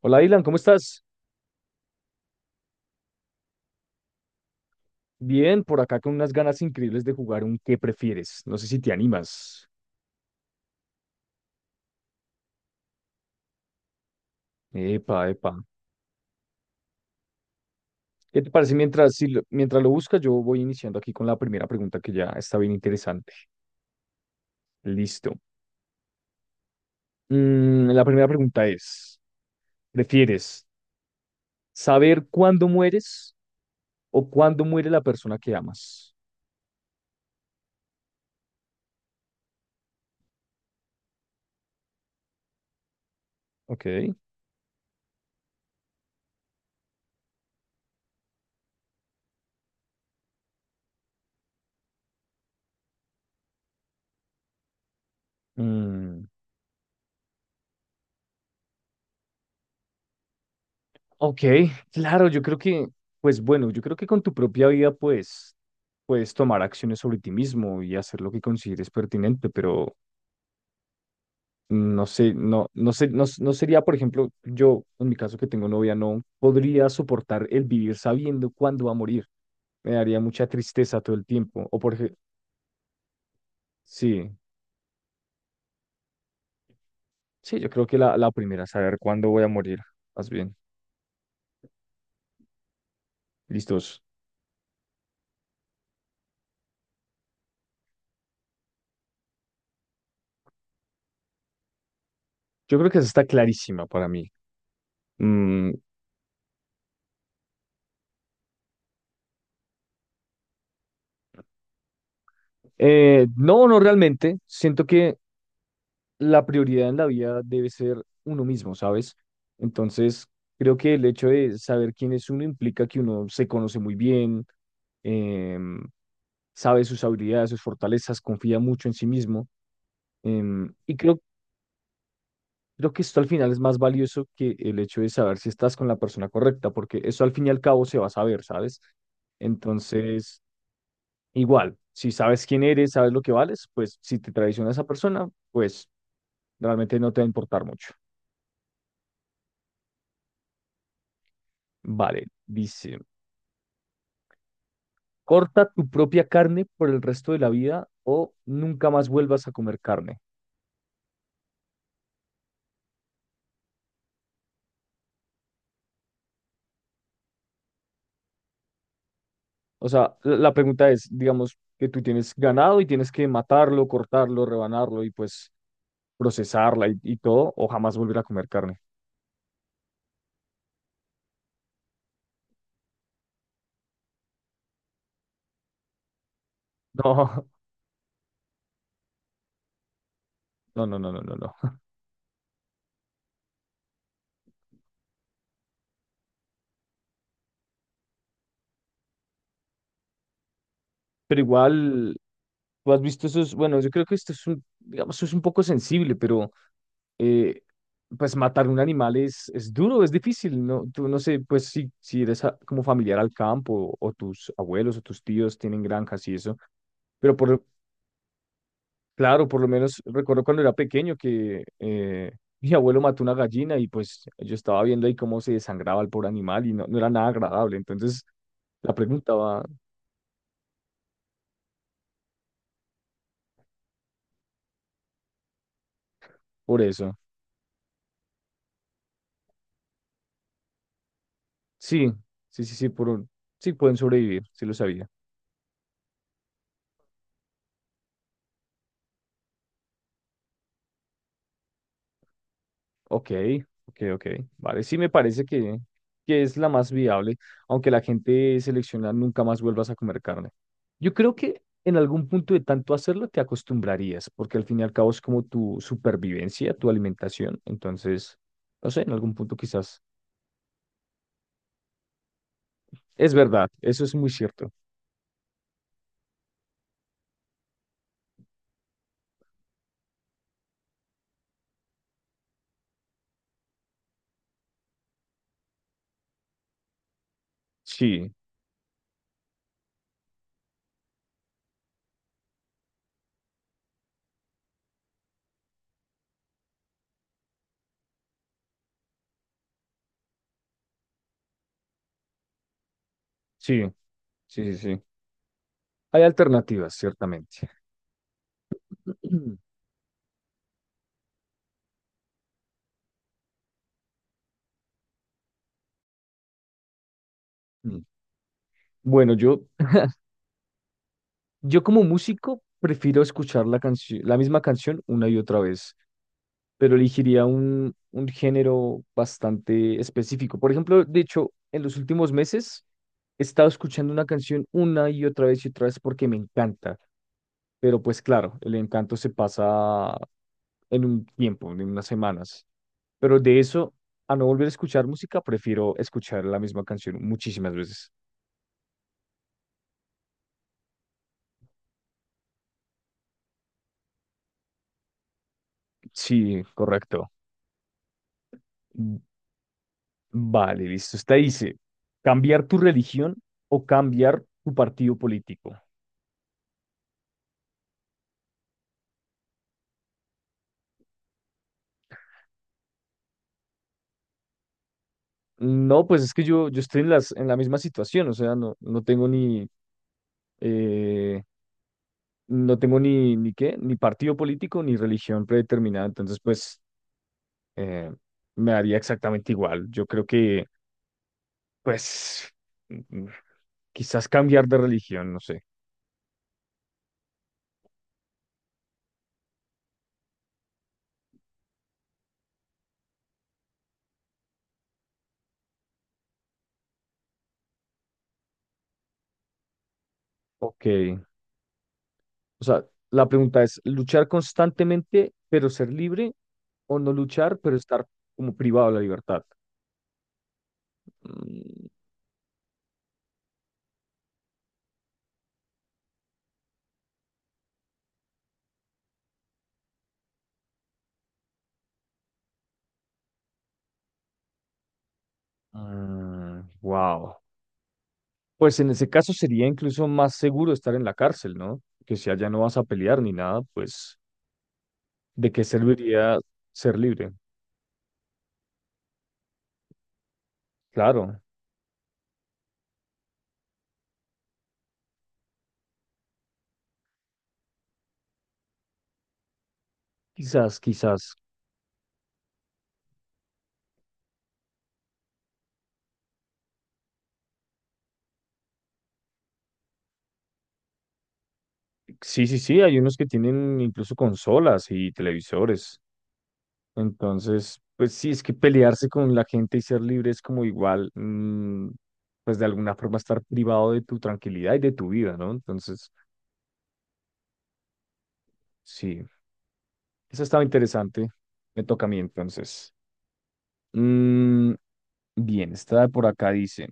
Hola, Dylan, ¿cómo estás? Bien, por acá con unas ganas increíbles de jugar un ¿qué prefieres? No sé si te animas. Epa, epa. ¿Qué te parece mientras, si lo- mientras lo buscas? Yo voy iniciando aquí con la primera pregunta que ya está bien interesante. Listo. La primera pregunta es, ¿prefieres saber cuándo mueres o cuándo muere la persona que amas? Ok. Mm, Ok, claro, yo creo que, pues bueno, yo creo que con tu propia vida, pues, puedes tomar acciones sobre ti mismo y hacer lo que consideres pertinente, pero no sé, no, no sé, no, no sería, por ejemplo, yo, en mi caso que tengo novia, no podría soportar el vivir sabiendo cuándo va a morir. Me daría mucha tristeza todo el tiempo. Sí, sí, yo creo que la primera, saber cuándo voy a morir, más bien. Listos. Yo creo que esa está clarísima para mí. Mm, no, no realmente. Siento que la prioridad en la vida debe ser uno mismo, ¿sabes? Entonces, creo que el hecho de saber quién es uno implica que uno se conoce muy bien, em, sabe sus habilidades, sus fortalezas, confía mucho en sí mismo. em, y creo, Creo que esto al final es más valioso que el hecho de saber si estás con la persona correcta, porque eso al fin y al cabo se va a saber, ¿sabes? Entonces, igual, si sabes quién eres, sabes lo que vales, pues si te traiciona esa persona, pues realmente no te va a importar mucho. Vale, dice, corta tu propia carne por el resto de la vida o nunca más vuelvas a comer carne. O sea, la pregunta es, digamos, que tú tienes ganado y tienes que matarlo, cortarlo, rebanarlo y pues procesarla y todo, o jamás volver a comer carne. No, no. Pero igual, tú has visto esos, bueno, yo creo que esto es un, digamos, es un poco sensible, pero eh, pues matar un animal es duro, es difícil, ¿no? Tú no sé, pues si eres como familiar al campo o tus abuelos o tus tíos tienen granjas y eso, pero claro, por lo menos recuerdo cuando era pequeño que mi abuelo mató una gallina y pues yo estaba viendo ahí cómo se desangraba el pobre animal y no, no era nada agradable, entonces la pregunta va por eso. Sí, sí, sí, sí, sí pueden sobrevivir, sí lo sabía. Ok, ok, ok. Vale, sí me parece que es la más viable, aunque la gente selecciona nunca más vuelvas a comer carne. Yo creo que en algún punto de tanto hacerlo te acostumbrarías, porque al fin y al cabo es como tu supervivencia, tu alimentación. Entonces, no sé, en algún punto quizás. Es verdad, eso es muy cierto. Sí, sí, sí, sí, sí. Hay alternativas, ciertamente. Mm. Bueno, yo como músico prefiero escuchar la canción, la misma canción una y otra vez. Pero elegiría un género bastante específico. Por ejemplo, de hecho, en los últimos meses he estado escuchando una canción una y otra vez porque me encanta, pero pues claro, el encanto se pasa en un tiempo, en unas semanas, pero de eso... A no volver a escuchar música, prefiero escuchar la misma canción muchísimas veces. Sí, correcto. Mm, Vale, listo. Usted dice, cambiar tu religión o cambiar tu partido político. No, pues es que yo estoy en en la misma situación, o sea, eh, no tengo ni qué, ni partido político, ni religión predeterminada, entonces pues eh, me haría exactamente igual. Yo creo que, pues, mm, quizás cambiar de religión, no sé. Ok, o sea, la pregunta es, ¿luchar constantemente pero ser libre o no luchar pero estar como privado de la libertad? Wow, pues en ese caso sería incluso más seguro estar en la cárcel, ¿no? Que si allá no vas a pelear ni nada, pues ¿de qué serviría ser libre? Claro, quizás, quizás. Sí, sí, sí, hay unos que tienen incluso consolas y televisores. Entonces, pues sí, es que pelearse con la gente y ser libre es como igual, pues de alguna forma estar privado de tu tranquilidad y de tu vida, ¿no? Entonces, sí, eso estaba interesante. Me toca a mí entonces. Mm, Bien, esta de por acá dice.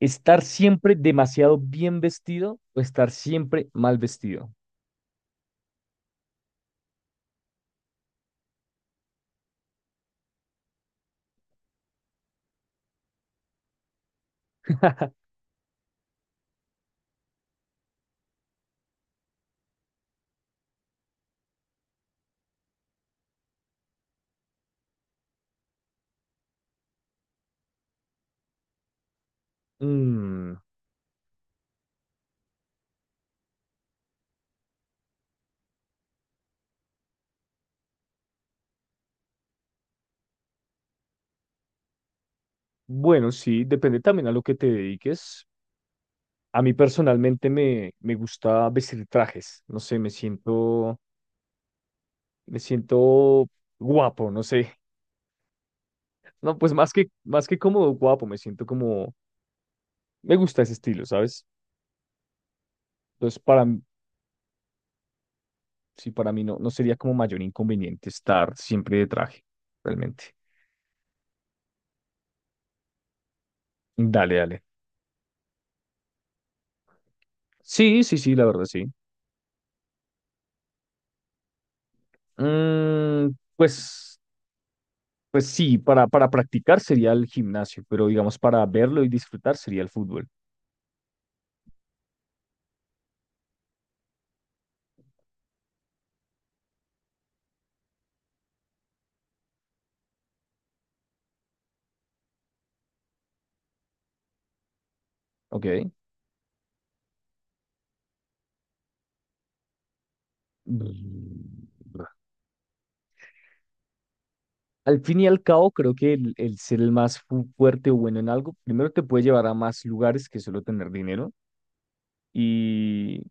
¿Estar siempre demasiado bien vestido o estar siempre mal vestido? Mm, bueno, sí, depende también a lo que te dediques. A mí personalmente me gusta vestir trajes, no sé, me siento guapo, no sé. No, pues más que cómodo, guapo, me siento como, me gusta ese estilo, ¿sabes? Entonces, sí, para mí no, no sería como mayor inconveniente estar siempre de traje, realmente. Dale, dale. Sí, sí, sí, la verdad, sí. Mm, pues, pues sí, para practicar sería el gimnasio, pero digamos para verlo y disfrutar sería el fútbol. Ok. Mm. Al fin y al cabo, creo que el ser el más fuerte o bueno en algo, primero te puede llevar a más lugares que solo tener dinero. Y,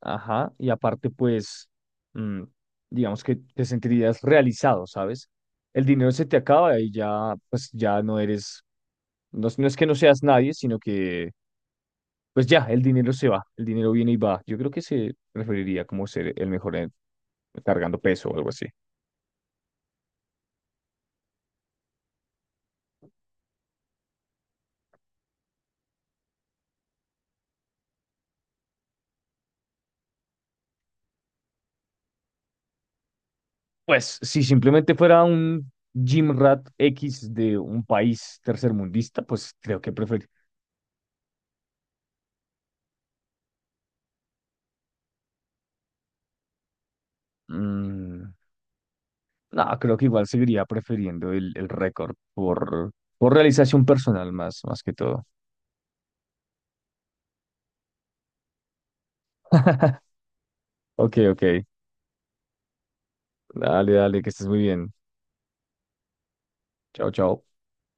ajá, y aparte, pues, mm, digamos que te sentirías realizado, ¿sabes? El dinero se te acaba y ya, pues, ya no eres, no, no es que no seas nadie, sino que pues ya, el dinero se va, el dinero viene y va. Yo creo que se referiría como ser el mejor cargando peso o algo así. Pues si simplemente fuera un gym rat X de un país tercermundista, pues creo que prefer... Mm, no, creo que igual seguiría prefiriendo el récord por realización personal más que todo. Ok, ok. Dale, dale, que estés muy bien. Chao, chao.